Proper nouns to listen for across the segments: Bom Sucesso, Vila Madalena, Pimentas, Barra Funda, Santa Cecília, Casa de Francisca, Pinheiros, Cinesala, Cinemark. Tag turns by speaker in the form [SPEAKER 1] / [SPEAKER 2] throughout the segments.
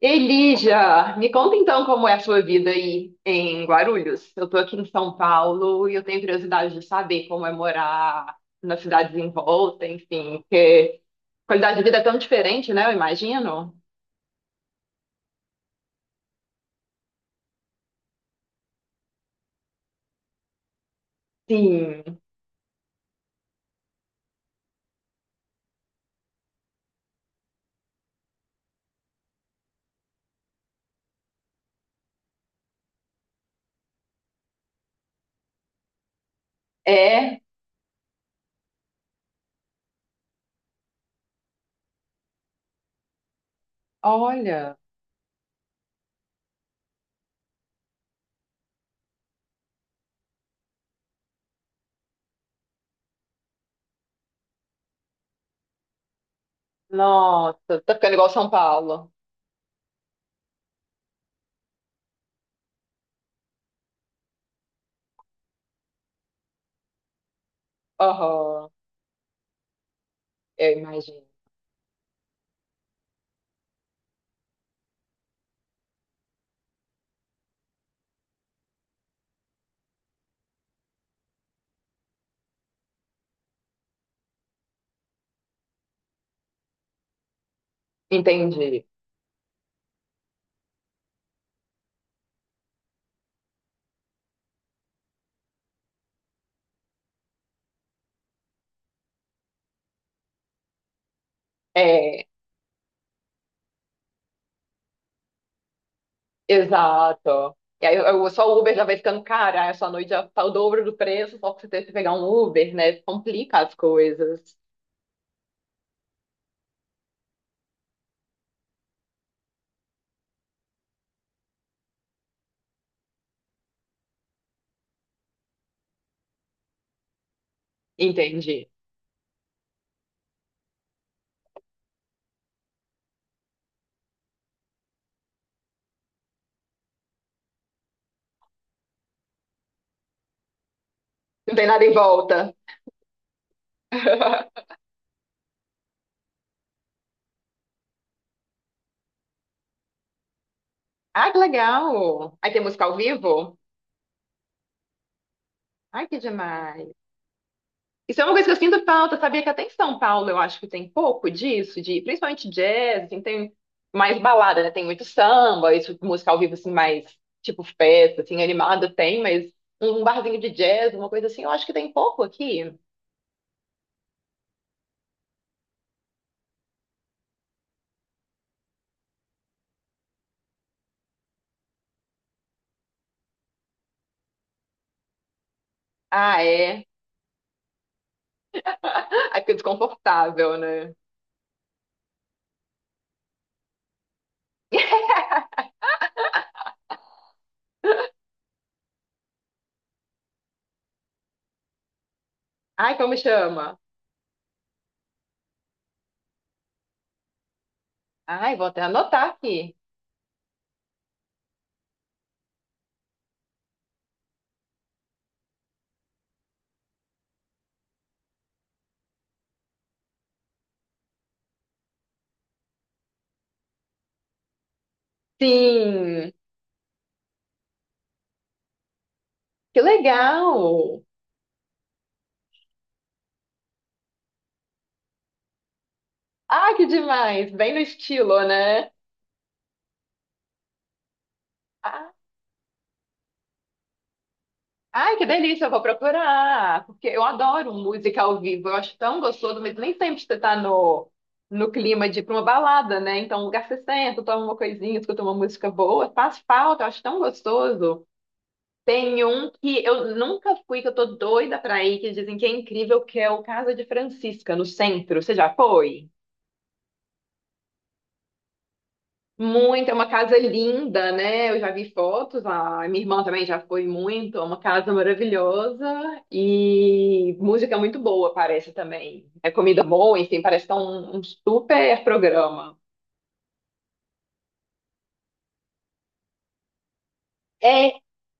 [SPEAKER 1] Elija, me conta então como é a sua vida aí em Guarulhos. Eu tô aqui em São Paulo e eu tenho curiosidade de saber como é morar nas cidades em volta, enfim, porque a qualidade de vida é tão diferente, né? Eu imagino. Sim, é. Olha, nossa, tá ficando igual São Paulo. Aham, eu imagino. Entendi. É. Exato. E aí, só o Uber já vai ficando caro, aí a sua noite já tá o dobro do preço, só pra você ter que pegar um Uber, né? Complica as coisas. Entendi. Não tem nada em volta. Ah, que legal! Aí tem música ao vivo? Ai, que demais! Isso é uma coisa que eu sinto falta, sabia que até em São Paulo eu acho que tem pouco disso, de principalmente jazz, assim, tem mais balada, né? Tem muito samba, isso, música ao vivo, assim, mais tipo festa, assim, animada tem, mas um barzinho de jazz, uma coisa assim, eu acho que tem pouco aqui. Ah, é. Aqui desconfortável, né? Ai, como chama? Ai, vou até anotar aqui. Sim, que legal! Ai, que demais! Bem no estilo, né? Ah, ai, que delícia! Eu vou procurar, porque eu adoro música ao vivo. Eu acho tão gostoso, mas nem sempre você tá no clima de ir pra uma balada, né? Então, um lugar que você senta, toma uma coisinha, escuta uma música boa, faz falta, eu acho tão gostoso. Tem um que eu nunca fui, que eu tô doida pra ir, que dizem que é incrível, que é o Casa de Francisca, no centro. Você já foi? Muito, é uma casa linda, né? Eu já vi fotos, a minha irmã também já foi muito, é uma casa maravilhosa e música é muito boa, parece também. É comida boa, enfim, parece que é um super programa. É,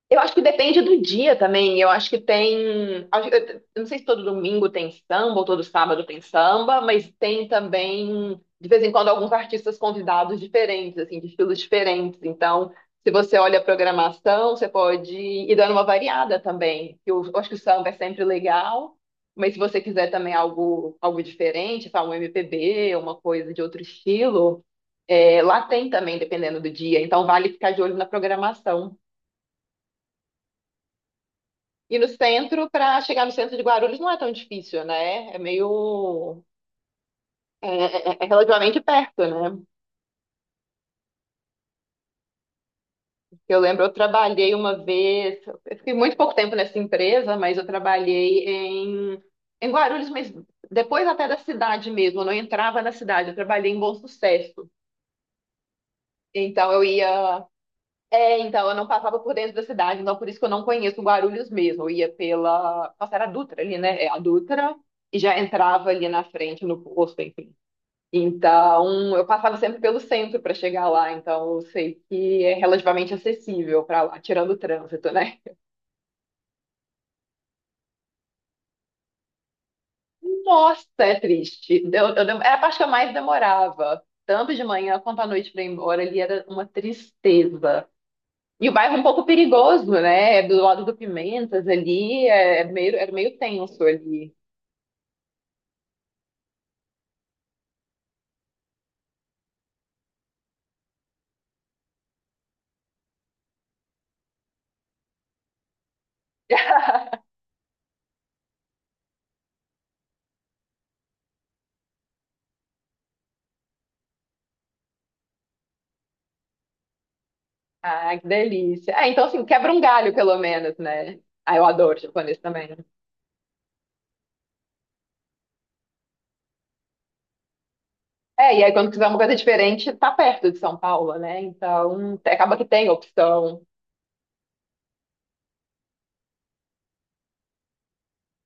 [SPEAKER 1] eu acho que depende do dia também. Eu acho que tem. Eu não sei se todo domingo tem samba ou todo sábado tem samba, mas tem também, de vez em quando, alguns artistas convidados diferentes, assim, de estilos diferentes. Então, se você olha a programação, você pode ir dando uma variada também. Eu acho que o samba é sempre legal, mas se você quiser também algo, algo diferente, sabe, um MPB, uma coisa de outro estilo, é, lá tem também, dependendo do dia. Então, vale ficar de olho na programação. E no centro, para chegar no centro de Guarulhos não é tão difícil, né? É meio. É, é relativamente perto, né? Eu lembro, eu trabalhei uma vez, eu fiquei muito pouco tempo nessa empresa, mas eu trabalhei em Guarulhos, mas depois até da cidade mesmo, eu não entrava na cidade, eu trabalhei em Bom Sucesso. Então eu ia. É, então eu não passava por dentro da cidade, então por isso que eu não conheço Guarulhos mesmo. Eu ia pela. Nossa, era a Dutra ali, né? É a Dutra, e já entrava ali na frente no posto, enfim. Então, eu passava sempre pelo centro para chegar lá, então eu sei que é relativamente acessível para lá, tirando o trânsito, né? Nossa, é triste. Era a parte que eu mais demorava, tanto de manhã quanto à noite para ir embora, ali era uma tristeza. E o bairro é um pouco perigoso, né? É do lado do Pimentas ali, é, é meio, era meio tenso ali. Ah, que delícia. Ah, então, assim, quebra um galho, pelo menos, né? Ah, eu adoro japonês também, né? É, e aí quando quiser uma coisa diferente, tá perto de São Paulo, né? Então, acaba que tem opção.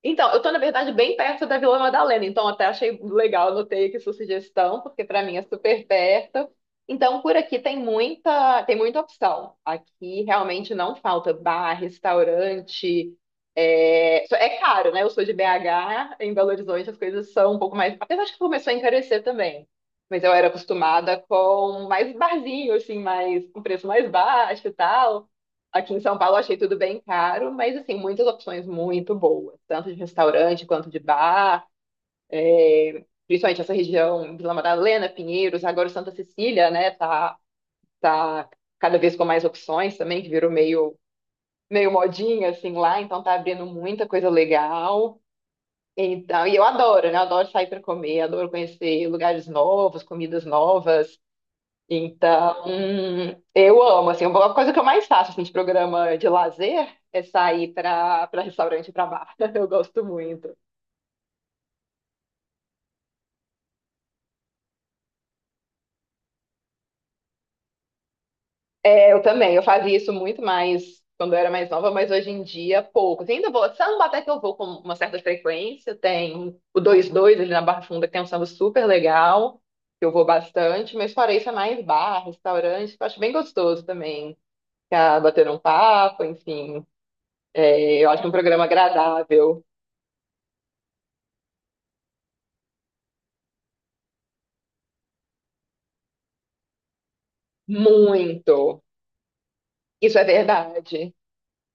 [SPEAKER 1] Então, eu tô, na verdade, bem perto da Vila Madalena, então até achei legal, anotei aqui sua sugestão, porque para mim é super perto. Então, por aqui tem muita opção. Aqui realmente não falta bar, restaurante. É, é caro, né? Eu sou de BH, em Belo Horizonte as coisas são um pouco mais. Apesar de que começou a encarecer também. Mas eu era acostumada com mais barzinho, assim, mais, com preço mais baixo e tal. Aqui em São Paulo eu achei tudo bem caro, mas assim, muitas opções muito boas, tanto de restaurante quanto de bar, é, principalmente essa região, Vila Madalena, Pinheiros, agora Santa Cecília, né, tá cada vez com mais opções também, que virou meio, meio modinha, assim, lá, então tá abrindo muita coisa legal. Então, e eu adoro, né, adoro sair para comer, adoro conhecer lugares novos, comidas novas, então, eu amo, assim, uma coisa que eu mais faço, assim, de programa de lazer é sair para restaurante, para bar. Eu gosto muito. É, eu também, eu fazia isso muito mais quando eu era mais nova, mas hoje em dia pouco. Assim, ainda vou, samba até que eu vou com uma certa frequência, tem o dois dois ali na Barra Funda, que tem um samba super legal, que eu vou bastante, mas fora isso é mais bar, restaurante, que eu acho bem gostoso também, ficar batendo um papo, enfim. É, eu acho um programa agradável, muito. Isso é verdade.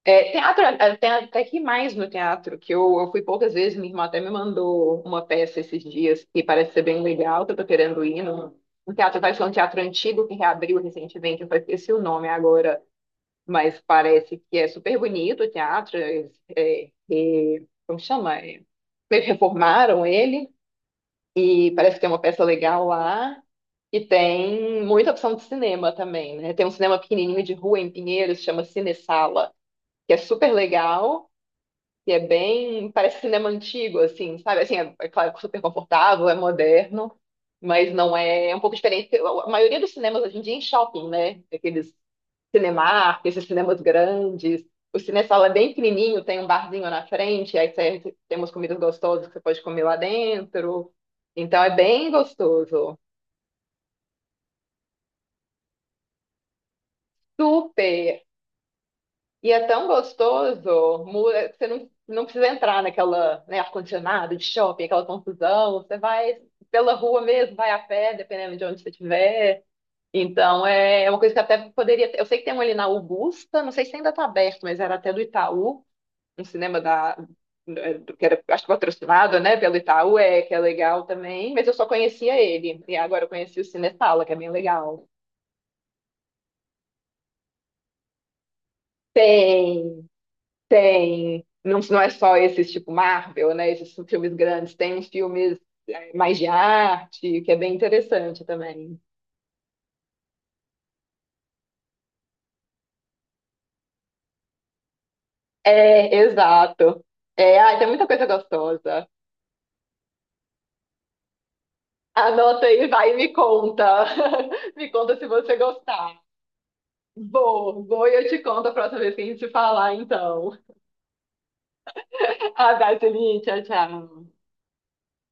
[SPEAKER 1] É, teatro, é, é, tem até que mais no teatro, que eu fui poucas vezes, minha irmã até me mandou uma peça esses dias, que parece ser bem legal, que eu tô querendo ir um teatro, parece que é um teatro antigo que reabriu recentemente, eu só esqueci o nome agora, mas parece que é super bonito o teatro, é, é, é, como chama? É, meio que reformaram ele, e parece que tem uma peça legal lá, e tem muita opção de cinema também, né? Tem um cinema pequenininho de rua em Pinheiros, chama Cinesala, que é super legal, que é bem, parece cinema antigo, assim, sabe? Assim, é, é claro, super confortável, é moderno, mas não é, é um pouco diferente. A maioria dos cinemas hoje em dia é em shopping, né? Aqueles Cinemark, esses cinemas grandes. O Cinesala é bem pequenininho, tem um barzinho na frente, aí você, tem comidas gostosas que você pode comer lá dentro. Então é bem gostoso. Super! E é tão gostoso, é, você não precisa entrar naquela, né, ar-condicionado de shopping, aquela confusão. Você vai pela rua mesmo, vai a pé, dependendo de onde você estiver. Então, é, é uma coisa que até poderia ter. Eu sei que tem um ali na Augusta, não sei se ainda está aberto, mas era até do Itaú, um cinema da, é, que era, acho que patrocinado, né, pelo Itaú, é, que é legal também, mas eu só conhecia ele. E agora eu conheci o Cinesala, que é bem legal. Tem. Tem, não, não é só esses tipo Marvel, né? Esses filmes grandes, tem filmes é, mais de arte, que é bem interessante também. É, exato. É, ai, tem muita coisa gostosa. Anota aí, vai e me conta. Me conta se você gostar. Vou, vou e eu te conto a próxima vez que a gente se falar, então. Abraço, Eli, tchau, tchau.